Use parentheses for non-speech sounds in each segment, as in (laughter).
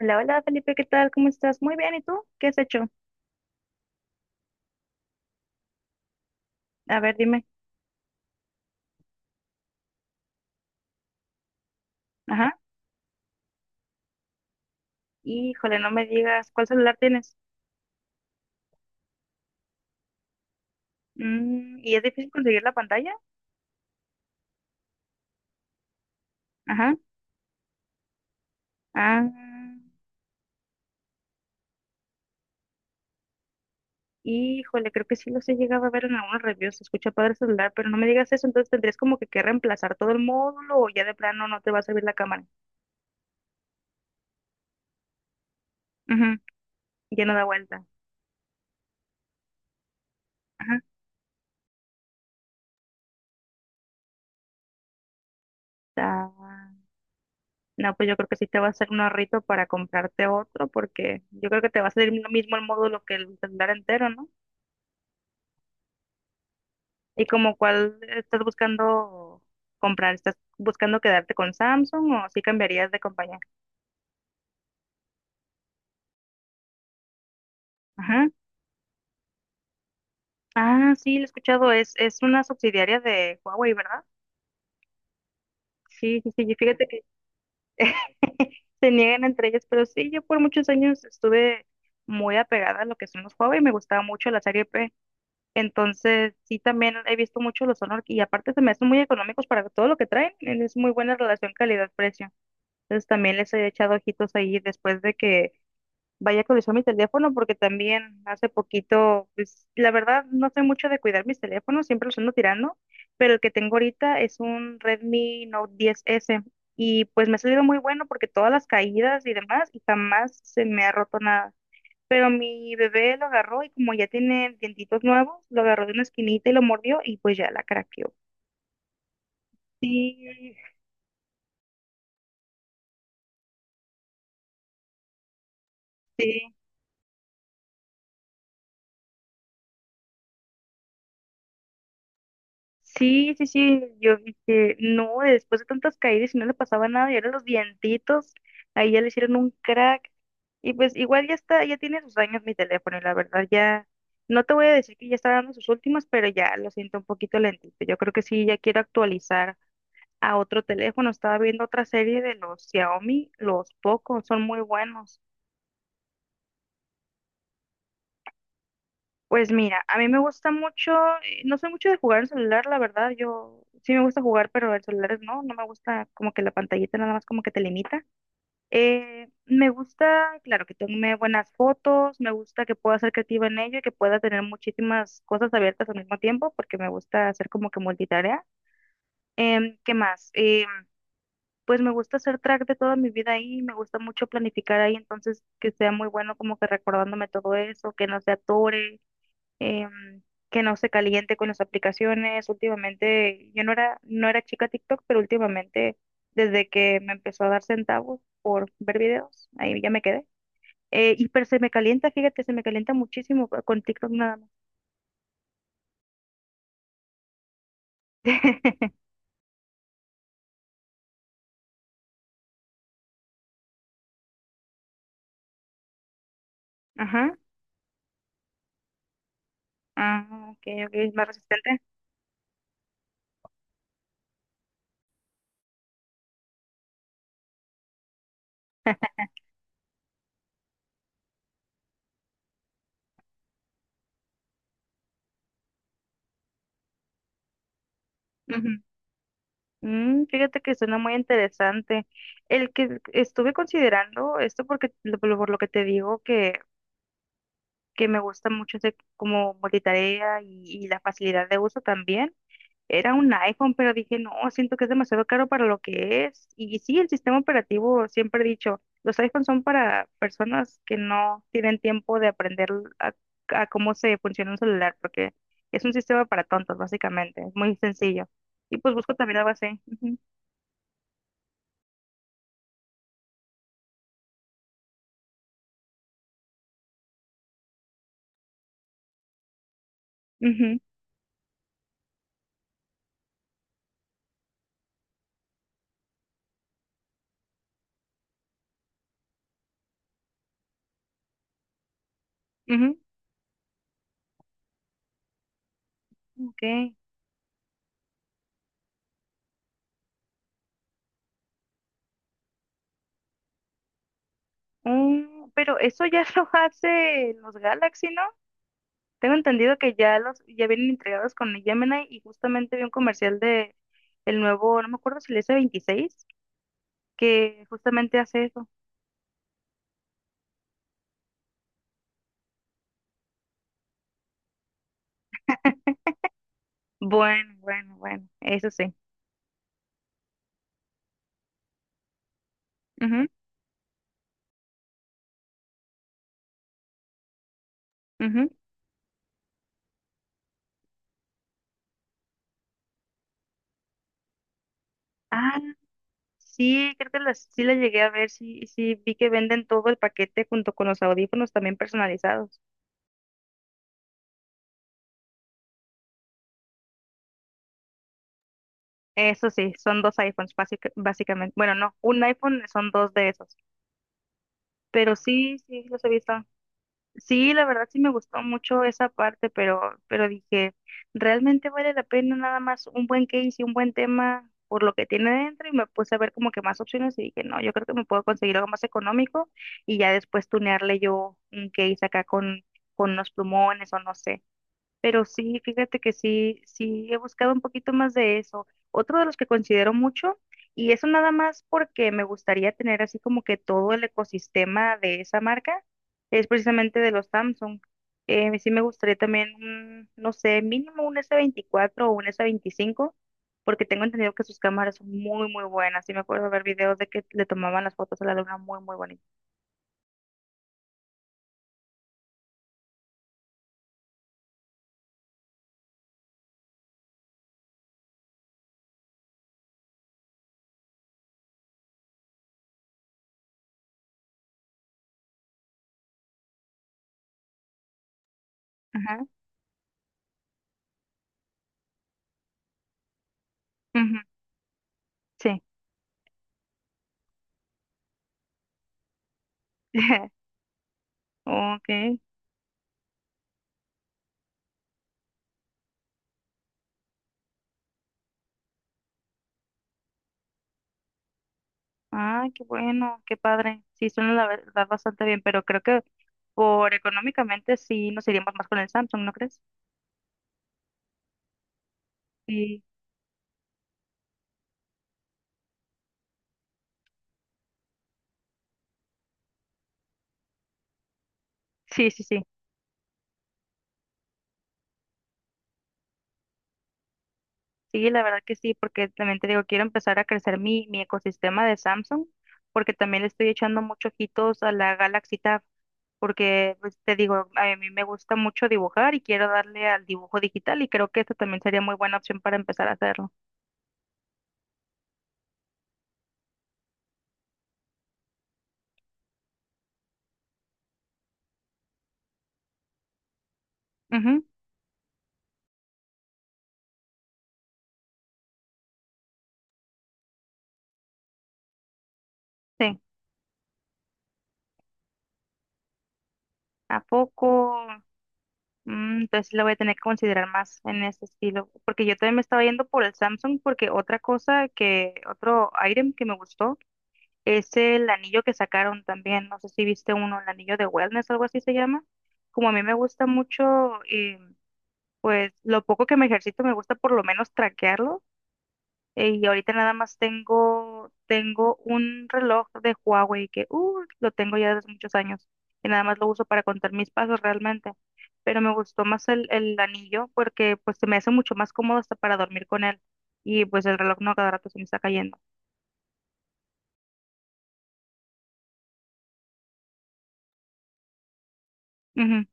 Hola, hola Felipe, ¿qué tal? ¿Cómo estás? Muy bien, ¿y tú? ¿Qué has hecho? A ver, dime. Ajá. Híjole, no me digas, ¿cuál celular tienes? ¿Y es difícil conseguir la pantalla? Ajá. Ah, híjole, creo que sí los he llegado a ver en algunos reviews, se escucha padre el celular, pero no me digas eso, entonces tendrías como que reemplazar todo el módulo o ya de plano no te va a servir la cámara. Ujú. Ya no da vuelta. Ajá. Ah, no, pues yo creo que sí te va a hacer un ahorrito para comprarte otro, porque yo creo que te va a salir lo mismo el módulo que el celular entero, ¿no? ¿Y como cuál estás buscando comprar? ¿Estás buscando quedarte con Samsung o sí cambiarías de compañía? Ajá. Ah, sí, lo he escuchado. Es una subsidiaria de Huawei, ¿verdad? Sí, sí, sí. Y fíjate que (laughs) se niegan entre ellas, pero sí, yo por muchos años estuve muy apegada a lo que son los Huawei. Me gustaba mucho la serie P. Entonces, sí, también he visto mucho los Honor y aparte se me hacen muy económicos para todo lo que traen. Es muy buena relación calidad-precio. Entonces, también les he echado ojitos ahí después de que Vaya que lo mi teléfono porque también hace poquito, pues la verdad no soy mucho de cuidar mis teléfonos, siempre los ando tirando, pero el que tengo ahorita es un Redmi Note 10S y pues me ha salido muy bueno porque todas las caídas y demás y jamás se me ha roto nada. Pero mi bebé lo agarró y como ya tiene dientitos nuevos, lo agarró de una esquinita y lo mordió y pues ya la craqueó. Sí, sí. Sí, sí, sí, yo dije, no, después de tantas caídas y no le pasaba nada, y ahora los dientitos, ahí ya le hicieron un crack, y pues igual ya está, ya tiene sus años mi teléfono, y la verdad ya, no te voy a decir que ya está dando sus últimas, pero ya lo siento un poquito lentito, yo creo que sí, ya quiero actualizar a otro teléfono, estaba viendo otra serie de los Xiaomi, los Poco, son muy buenos. Pues mira, a mí me gusta mucho, no soy mucho de jugar en celular, la verdad, yo sí me gusta jugar, pero en celulares no, no me gusta como que la pantallita nada más como que te limita. Me gusta, claro, que tome buenas fotos, me gusta que pueda ser creativa en ello y que pueda tener muchísimas cosas abiertas al mismo tiempo, porque me gusta hacer como que multitarea. ¿Qué más? Pues me gusta hacer track de toda mi vida ahí, me gusta mucho planificar ahí, entonces que sea muy bueno como que recordándome todo eso, que no se atore em, que no se caliente con las aplicaciones. Últimamente, yo no era, chica TikTok, pero últimamente, desde que me empezó a dar centavos por ver videos, ahí ya me quedé. Y pero se me calienta, fíjate, se me calienta muchísimo con TikTok nada más. (laughs) Ajá. Ah, ok, ok, es más resistente. Ujú. Fíjate que suena muy interesante. El que estuve considerando, esto porque por lo que te digo que me gusta mucho hacer como multitarea y la facilidad de uso también. Era un iPhone, pero dije, no, siento que es demasiado caro para lo que es. Y, sí, el sistema operativo, siempre he dicho, los iPhones son para personas que no tienen tiempo de aprender a, a cómo se funciona un celular, porque es un sistema para tontos, básicamente, es muy sencillo. Y pues busco también algo así. Ujú, ujú, ujú, ok. Pero eso ya (laughs) lo hace los Galaxy, ¿no? Tengo entendido que ya los, ya vienen entregados con el Gemini y justamente vi un comercial de el nuevo, no me acuerdo si el S26 que justamente hace eso. Bueno, bueno, bueno, eso sí. Ujú, ujú. Ah, sí, creo que las, sí la llegué a ver, sí, sí, vi que venden todo el paquete junto con los audífonos también personalizados. Eso sí, son dos iPhones básicamente. Bueno, no, un iPhone son dos de esos. Pero sí, sí, los he visto. Sí, la verdad sí me gustó mucho esa parte, pero dije, ¿realmente vale la pena nada más un buen case y un buen tema por lo que tiene dentro? Y me puse a ver como que más opciones y dije, no, yo creo que me puedo conseguir algo más económico y ya después tunearle yo un case acá con unos plumones o no sé. Pero sí, fíjate que sí, sí he buscado un poquito más de eso. Otro de los que considero mucho, y eso nada más porque me gustaría tener así como que todo el ecosistema de esa marca, es precisamente de los Samsung. Sí me gustaría también, un, no sé, mínimo un S24 o un S25, porque tengo entendido que sus cámaras son muy, muy buenas. Sí me acuerdo ver videos de que le tomaban las fotos a la luna muy, muy bonitas. Ajá, ujú, sí. (laughs) Ok. Ah, qué bueno, qué padre. Sí, suena la verdad bastante bien, pero creo que por económicamente sí nos iríamos más con el Samsung, ¿no crees? Sí, sí, sí, sí. Sí, la verdad que sí, porque también te digo, quiero empezar a crecer mi ecosistema de Samsung, porque también le estoy echando muchos ojitos a la Galaxy Tab, porque pues, te digo, a mí me gusta mucho dibujar y quiero darle al dibujo digital y creo que esto también sería muy buena opción para empezar a hacerlo. Ujú, sí. ¿A poco? Entonces lo voy a tener que considerar más en ese estilo, porque yo también me estaba yendo por el Samsung, porque otra cosa que, otro item que me gustó es el anillo que sacaron también, no sé si viste uno, el anillo de wellness, algo así se llama, como a mí me gusta mucho, y pues lo poco que me ejercito me gusta por lo menos traquearlo. Y ahorita nada más tengo un reloj de Huawei que lo tengo ya desde hace muchos años y nada más lo uso para contar mis pasos realmente. Pero me gustó más el anillo porque pues se me hace mucho más cómodo hasta para dormir con él. Y pues el reloj no cada rato se me está cayendo. Wow,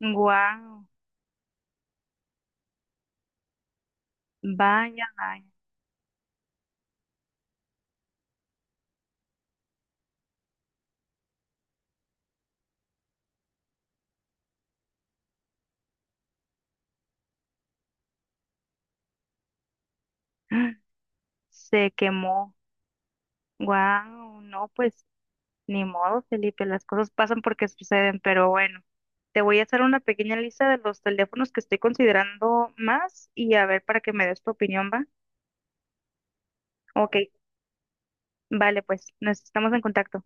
(laughs) vaya, vaya. (gasps) Se quemó. Wow, no, pues ni modo, Felipe, las cosas pasan porque suceden, pero bueno, te voy a hacer una pequeña lista de los teléfonos que estoy considerando más y a ver para que me des tu opinión, ¿va? Ok, vale, pues nos estamos en contacto.